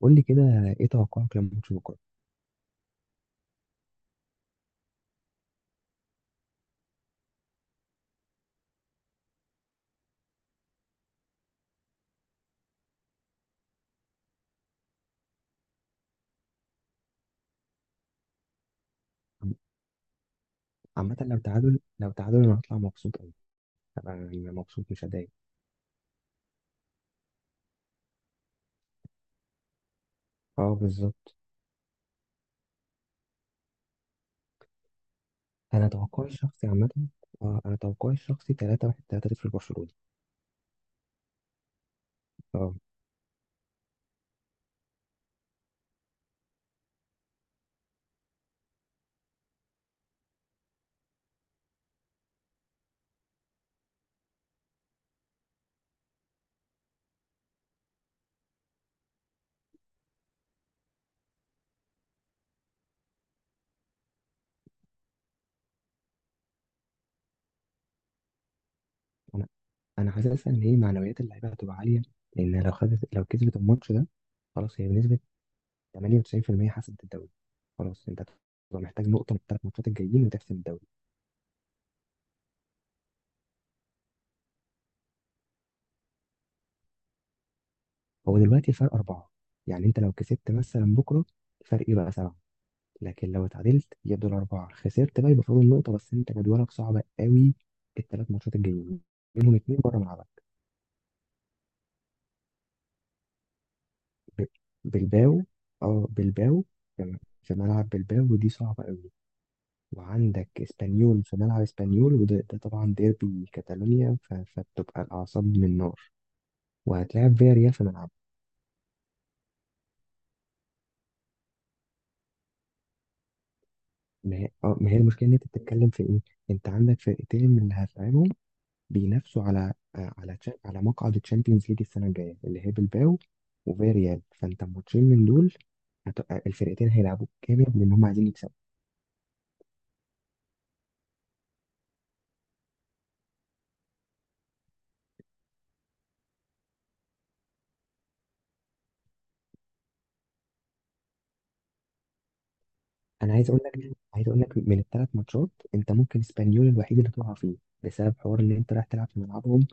قول لي كده، ايه توقعك لماتش بكره؟ عم- عامه، لو تعادل انا هطلع مبسوط قوي. انا يعني مبسوط مش هضايق. اه، بالظبط. انا توقعي الشخصي عامه. اه، انا توقعي الشخصي 3-1 3-0 لبرشلونه. اه، انا انا حاسس ان هي معنويات اللعيبه هتبقى عاليه، لان لو كسبت الماتش ده خلاص. هي بنسبه 98% حسمت الدوري. خلاص انت هتبقى محتاج نقطه من الثلاث ماتشات الجايين وتحسم الدوري. هو دلوقتي الفرق اربعه، يعني انت لو كسبت مثلا بكره الفرق يبقى سبعه. لكن لو اتعادلت يفضل أربعة. خسرت بقى يبقى فاضل نقطة بس. أنت جدولك صعب قوي، الثلاث ماتشات الجايين منهم اتنين بره ملعبك. ب- بلباو، اه بلباو. في في ملعب بلباو ودي صعبة قوي. وعندك اسبانيول في ملعب اسبانيول، وده طبعا ديربي كاتالونيا، فبتبقى الأعصاب من نار. وهتلاعب فياريال في ملعب. ما هي المشكلة إن أنت بتتكلم في إيه؟ أنت عندك فرقتين من اللي هتلعبهم بينافسوا على آه، على تشا- على مقعد الشامبيونز ليج السنه الجايه، اللي هي بالباو وفياريال، فانت ماتشين من دول. الفرقتين هيلعبوا جامد لان هم عايزين يكسبوا. انا عايز اقول لك، من الثلاث ماتشات انت ممكن اسبانيول الوحيد اللي تقع فيه، بسبب حوار ان انت رايح تلعب في ملعبهم.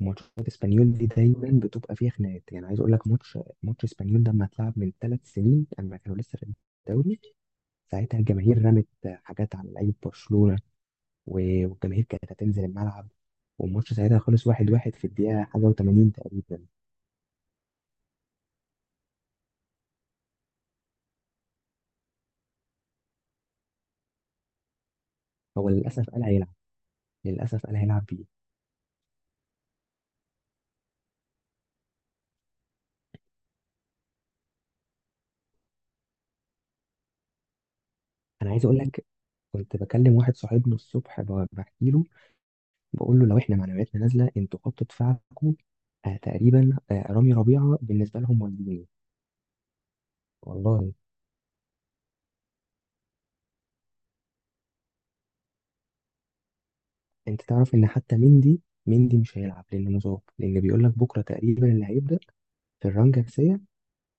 وماتشات اسبانيول دي دايما بتبقى فيها خناقات. يعني عايز اقول لك، ماتش اسبانيول ده لما اتلعب من ثلاث سنين، اما كانوا لسه في الدوري، ساعتها الجماهير رمت حاجات على لعيبه برشلونه، والجماهير كانت هتنزل الملعب، والماتش ساعتها خلص 1-1 في الدقيقة حاجة وتمانين تقريبا. هو للأسف قال هيلعب. للأسف قال هيلعب بيه. أنا عايز أقول لك، كنت بكلم واحد صاحبنا الصبح، بحكي له، بقول له لو إحنا معنوياتنا نازلة أنتوا خط دفاعكم تقريبا رامي ربيعة بالنسبة لهم والدين والله. أنت تعرف إن حتى مندي، مندي مش هيلعب لأنه مصاب، لأن بيقول لك بكرة تقريبا اللي هيبدأ فران جارسيا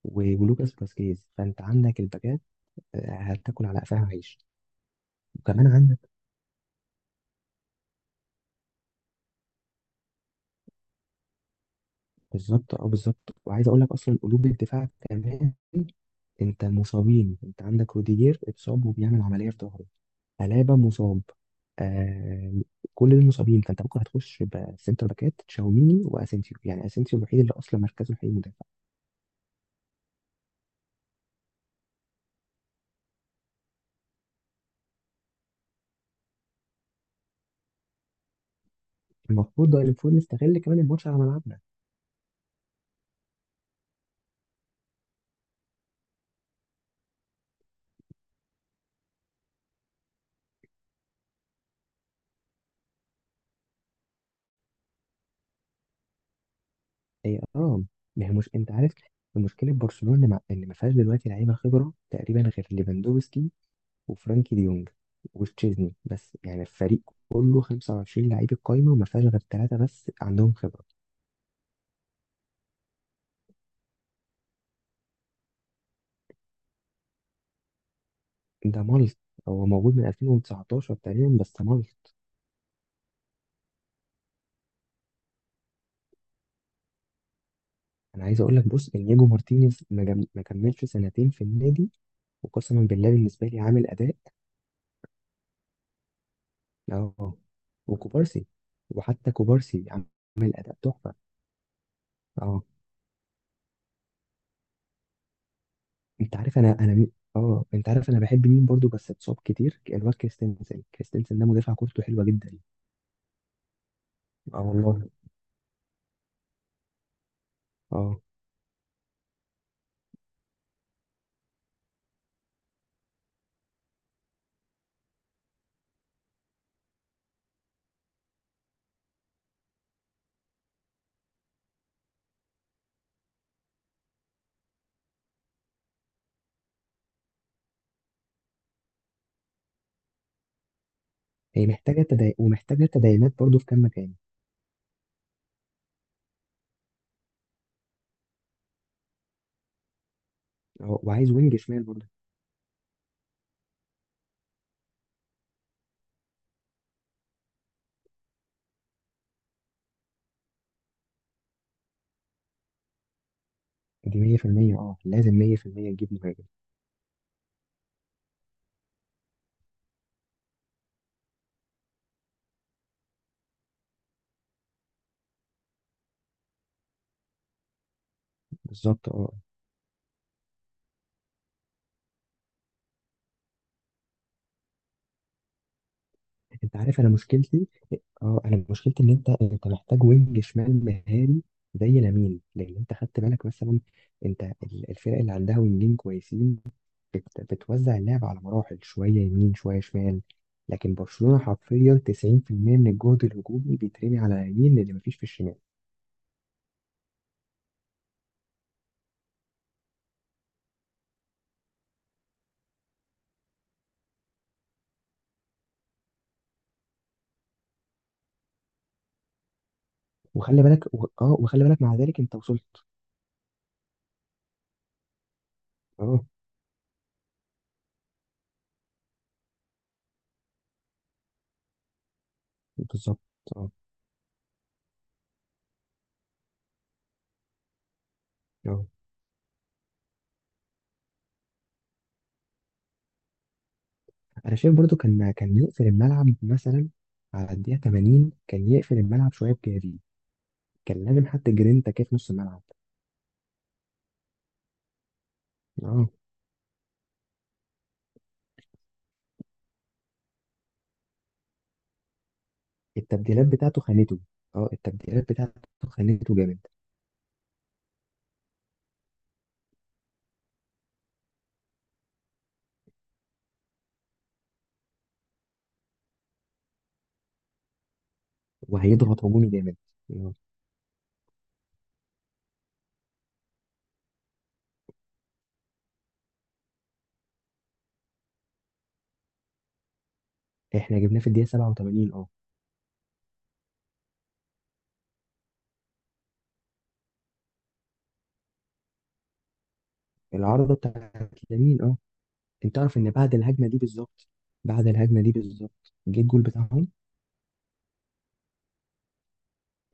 ولوكاس فاسكيز. فأنت عندك الباكات هتاكل على قفاها عيش. وكمان بالظبط، اه بالظبط، وعايز اقول لك اصلا قلوب الدفاع كمان، انت المصابين، انت عندك روديجير اتصاب وبيعمل عمليه في ظهره، الابا مصاب، آه. كل دول مصابين، فانت ممكن هتخش بسنتر باكات تشاوميني واسينسيو، يعني اسينسيو الوحيد اللي اصلا مركزه الحقيقي مدافع. المفروض، ده المفروض نستغل كمان الماتش على ملعبنا. هي اه، ما هي مش انت عارف المشكله في برشلونه، ان ما فيهاش دلوقتي لعيبه خبره تقريبا غير ليفاندوفسكي وفرانكي ديونج وتشيزني. بس يعني الفريق كله 25 لعيب القايمة وما فيهاش غير ثلاثة بس عندهم خبرة. ده مالت، هو موجود من 2019 تقريبا بس مالت. انا عايز اقول لك بص، انياجو مارتينيز ما كملش سنتين في النادي، وقسما بالله بالنسبة لي عامل اداء. اه، وكوبارسي، وحتى كوبارسي عامل اداء تحفة. اه، انت عارف انا اه، انت عارف انا بحب مين برضو بس اتصاب كتير، الواد كريستنسن. كريستنسن ده مدافع كورته حلوة جدا. اه والله. اه، هي محتاجة تدعي ومحتاجة تدعيمات برضه في كام مكان. اه، وعايز وينج شمال برضه. دي 100%. اه لازم 100% تجيب مهاجم. بالظبط، اه، انت عارف انا مشكلتي. اه، انا مشكلتي ان انت، انت محتاج وينج شمال مهاري زي لامين. لان انت خدت بالك مثلا انت الفرق اللي عندها وينجين كويسين بتوزع اللعب على مراحل، شوية يمين شوية شمال. لكن برشلونة حرفيا 90% من الجهد الهجومي بيترمي على اليمين، اللي مفيش في الشمال. وخلي بالك مع ذلك انت وصلت. اه بالظبط. اه، اه، انا شايف برضو كان يقفل الملعب مثلا على الدقيقه 80. كان يقفل الملعب شويه بجافي، كان لازم حتى جرينتا كده في نص الملعب. اه، التبديلات بتاعته خانته. اه، التبديلات بتاعته خانته جامد. وهيضغط هجومي جامد، آه. احنا جبناه في الدقيقه 87، اه، العارضه بتاعت لامين، اه. انت تعرف ان بعد الهجمه دي بالظبط، جه الجول بتاعهم.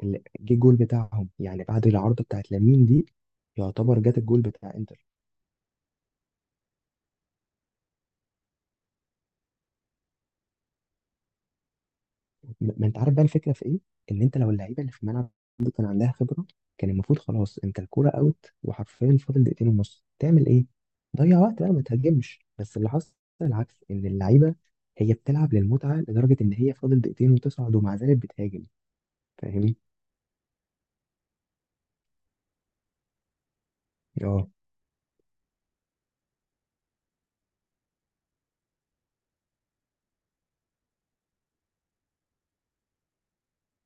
جه الجول بتاعهم، يعني بعد العارضه بتاعت لامين دي يعتبر جت الجول بتاع انتر. ما انت عارف بقى الفكره في ايه. ان انت لو اللعيبه اللي في الملعب دي كان عندها خبره، كان المفروض خلاص انت الكوره اوت وحرفيا فاضل دقيقتين ونص، تعمل ايه؟ ضيع وقت بقى ما تهاجمش. بس اللي حصل العكس، ان اللعيبه هي بتلعب للمتعه، لدرجه ان هي فاضل دقيقتين وتصعد ومع ذلك بتهاجم. فاهمني؟ اه،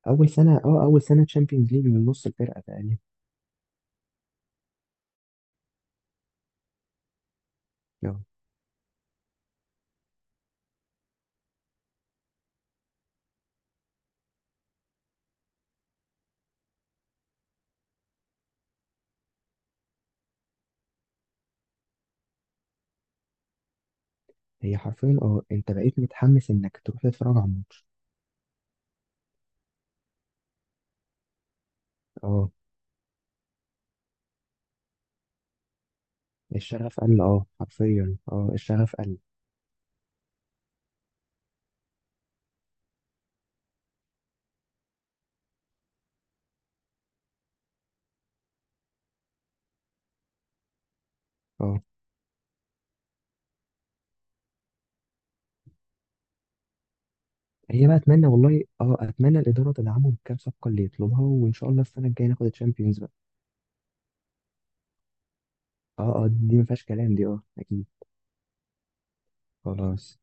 اول سنه تشامبيونز ليج من نص الفرقه تقريبا. اه، هي حرفيا، اه انت بقيت متحمس انك تروح تتفرج على الماتش. اه الشغف قل، اه حرفيا، اه الشغف قل. اه، هي بقى، اتمنى والله، اه اتمنى الاداره تدعمهم بكام صفقه اللي يطلبها، وان شاء الله السنه الجايه ناخد الشامبيونز بقى. اه، اه، دي ما فيهاش كلام، دي اه اكيد. خلاص.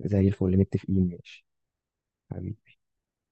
زي الفل، متفقين. ماشي حبيبي.